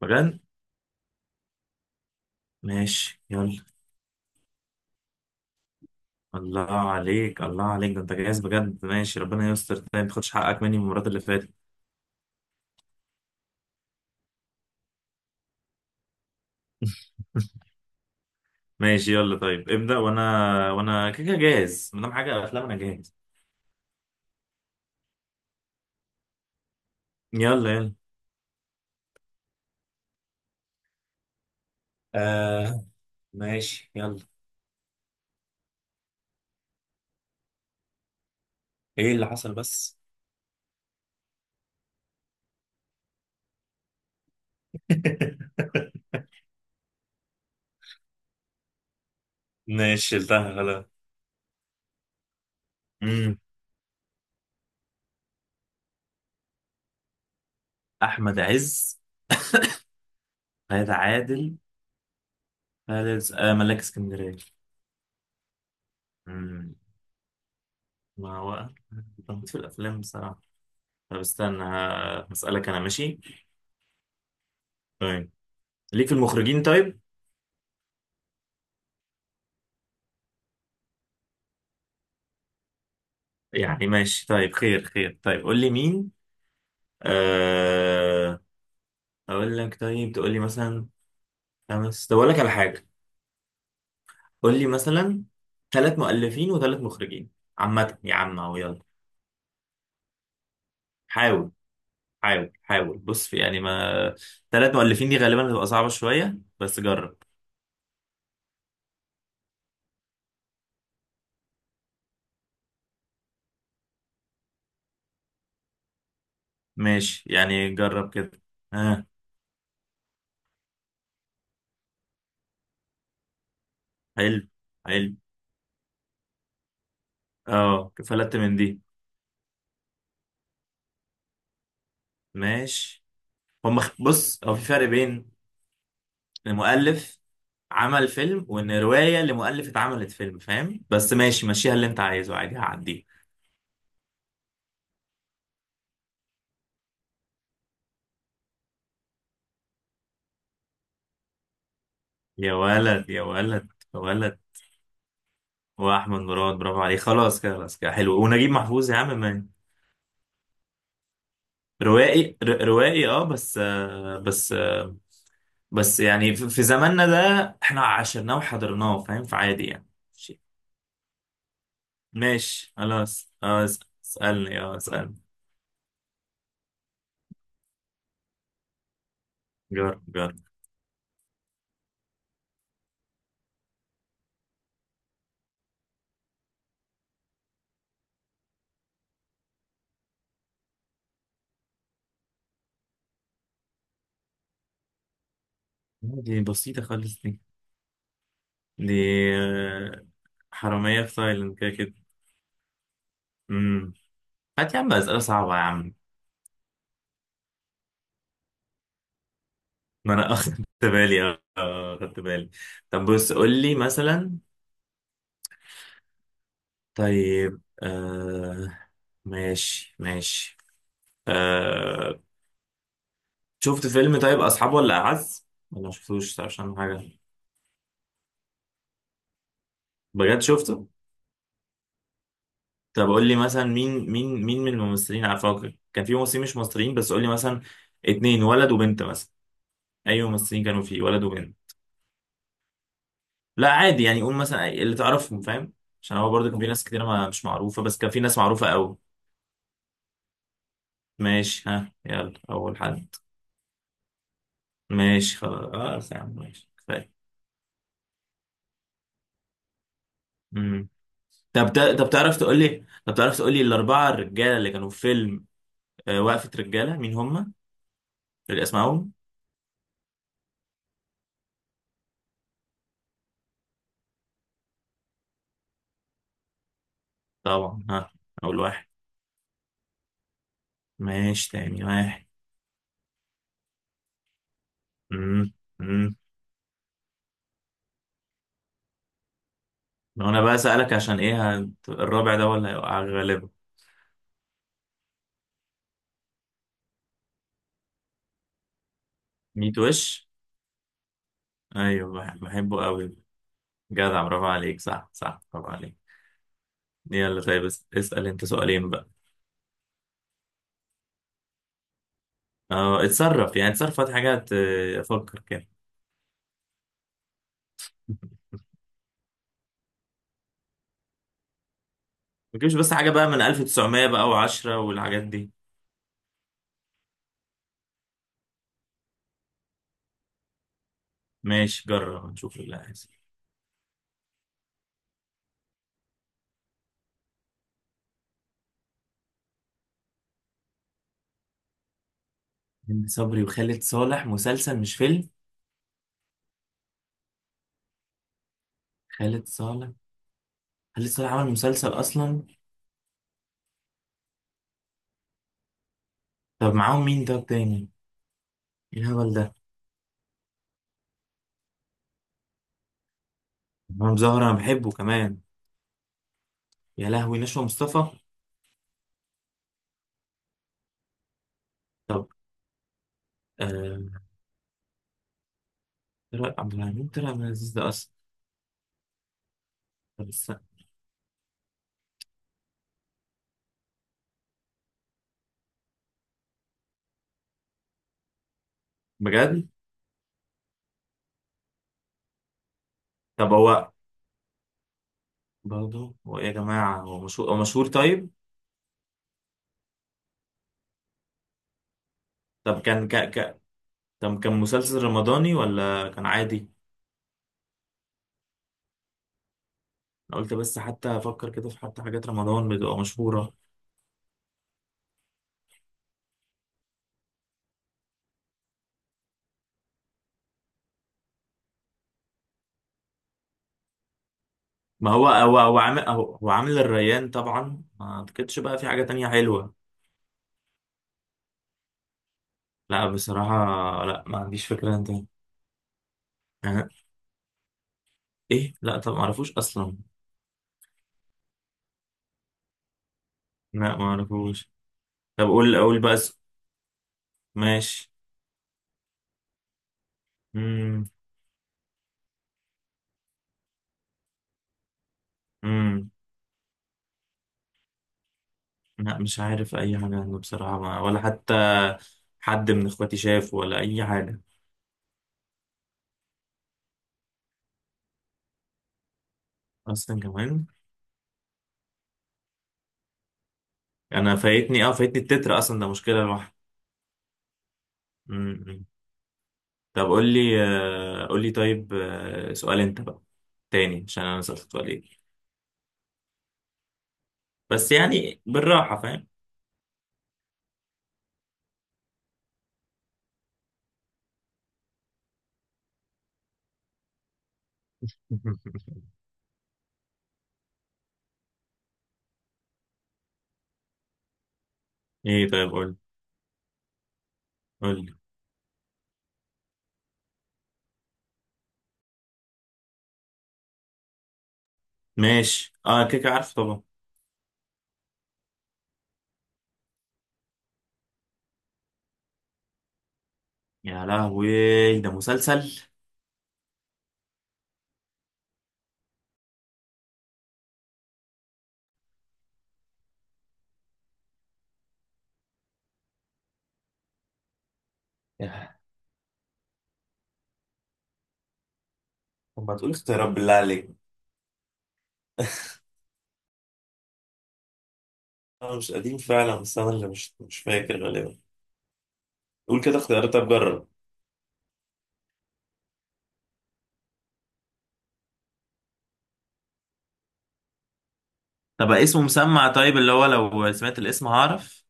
بجد. ماشي يلا. الله عليك، الله عليك، ده انت جاهز بجد. ماشي، ربنا يستر. طيب ما تاخدش حقك مني من المرات اللي فاتت. ماشي يلا، طيب ابدأ، وانا كده كده جاهز، ما دام حاجة افلام انا جاهز. يلا يلا. آه ماشي يلا. ايه اللي حصل بس؟ ماشي، شلتها خلاص. مم. احمد عز، خالد عادل، خالد ملاك اسكندريه. مم. ما هو أنا بموت في الافلام بصراحه. طب استنى، هسألك انا، ماشي. طيب ليك في المخرجين، طيب. يعني ماشي، طيب خير خير، طيب قول لي مين. آه... اقول لك، طيب تقول لي مثلا خمس. طب اقول لك على حاجه، قول لي مثلا ثلاث مؤلفين وثلاث مخرجين. عامه يا عم اهو، يلا. حاول حاول حاول، بص في، يعني ما، ثلاث مؤلفين دي غالبا هتبقى صعبه شويه، بس جرب. ماشي يعني، جرب كده. ها. حلو حلو، اه فلت من دي. ماشي. هم، بص، هو في فرق بين المؤلف عمل فيلم وان روايه لمؤلف اتعملت فيلم، فاهم؟ بس ماشي، مشيها اللي انت عايزه، عادي هعديه. يا ولد يا ولد يا ولد. واحمد مراد، برافو عليه، خلاص كده خلاص كده، حلو. ونجيب محفوظ يا عم ما. روائي اه، بس آه. بس يعني في في زماننا ده احنا عشرناه وحضرناه، فاهم؟ فعادي يعني. ماشي، ماشي، خلاص، اه اسالني، اسالني. جرب جرب. دي بسيطة خالص دي آه، حرامية في تايلاند كده. كده، هات يا عم أسئلة صعبة يا عم. ما أنا أخدت بالي. أه آه، أخدت بالي. طب بص، قول لي مثلا. طيب ماشي ماشي. آه شفت فيلم طيب أصحاب ولا أعز؟ ولا ما شفتوش عشان حاجة؟ بجد شفته؟ طب قول لي مثلا، مين من الممثلين. عارفه كان في ممثلين مش مصريين، بس قول لي مثلا اتنين، ولد وبنت مثلا. أي ممثلين كانوا فيه، ولد وبنت. لا عادي يعني، قول مثلا اللي تعرفهم، فاهم؟ عشان هو برضه كان في ناس كتير ما مش معروفة، بس كان في ناس معروفة قوي. ماشي، ها يلا، أول حد. ماشي خلاص يا عم، ماشي كفاية. مم. طب تعرف تقول لي، الأربعة الرجالة اللي كانوا في فيلم وقفة رجالة، مين هم؟ اللي أسمائهم؟ طبعا، ها، أول واحد. ماشي، تاني واحد. مم. مم. ما أنا بقى أسألك عشان إيه، الرابع ده ولا هيوقع غالبا. ميت وش؟ أيوه بحبه قوي. جدع، برافو عليك، صح صح، برافو عليك. يلا طيب، اسأل أنت سؤالين بقى. اه، اتصرف يعني، اتصرف في حاجات، افكر كده. ما تجيبش بس حاجه بقى من 1900 بقى، و10 والحاجات دي. ماشي، جرب نشوف اللي هيحصل. هند صبري وخالد صالح مسلسل مش فيلم؟ خالد صالح خالد صالح عمل مسلسل اصلا؟ طب معاهم مين ده تاني؟ ايه الهبل ده! امام زهر، انا بحبه كمان. يا لهوي، نشوى مصطفى. طب آه... طارق عبد العزيز، طارق عبد العزيز ده اصلا. طب است- بجد؟ طب هو برضه، هو ايه يا جماعه، هو مشهور، هو مشهور، طيب. طب كان مسلسل رمضاني ولا كان عادي؟ أنا قلت بس حتى أفكر كده، في حتى حاجات رمضان بتبقى مشهورة. ما هو، هو عامل، هو عامل الريان طبعا، ما أعتقدش بقى في حاجة تانية حلوة. لا بصراحة، لا ما عنديش فكرة أنت. يعني إيه؟ لا طب ما أعرفوش أصلا. لا ما أعرفوش. طب قول بقى اسم. ماشي. امم امم لا مش عارف أي حاجة عنه بصراحة، ما ولا حتى حد من إخواتي شاف ولا أي حاجة. أصلا كمان. انا فايتني، فايتني التتر اصلا، ده مشكله لوحده. مم. طب قول لي، قول لي طيب، سؤال انت بقى تاني، عشان انا سألت عليك. بس يعني بالراحة، فاهم؟ ايه طيب، قول. قول لي. ماشي اه، كيك عارف طبعا. يا لهوي، ده مسلسل! ياه. طب ما تقول اختيارات بالله عليك. انا مش قديم فعلا، بس انا اللي مش فاكر غالبا. قول كده اختيارات، طب جرب. طب اسمه مسمع طيب، اللي هو لو سمعت الاسم هعرف.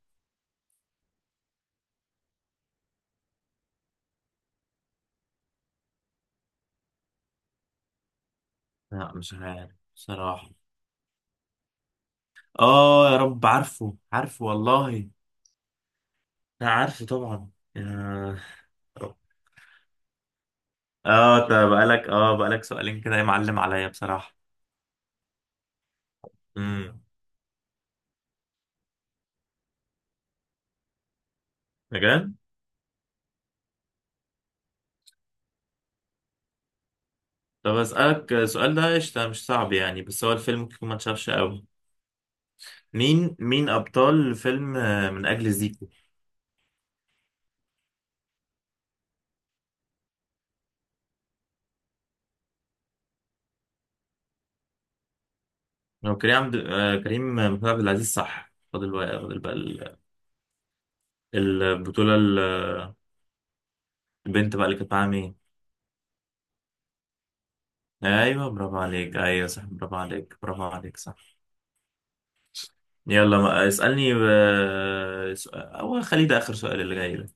لا مش عارف بصراحة. اه يا رب، عارفه عارفه والله. لا عارفه طبعا. يا- اه انت بقالك، بقالك سؤالين كده يا معلم، عليا بصراحة. امم بجد؟ طب اسألك السؤال ده قشطة، مش صعب يعني، بس هو الفيلم ممكن ما اتشافش قوي. مين ابطال فيلم من اجل زيكو؟ لو كريم عبد آه، كريم محمود عبد العزيز صح، فاضل بقى البطولة، البنت بقى اللي كانت معاها مين؟ ايوه برافو عليك، ايوه صح، برافو عليك، برافو عليك صح. يلا، ما اسألني، هو خليه ده اخر سؤال اللي جاي ده.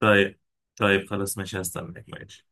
طيب. طيب خلاص ماشي، هستناك ماشي.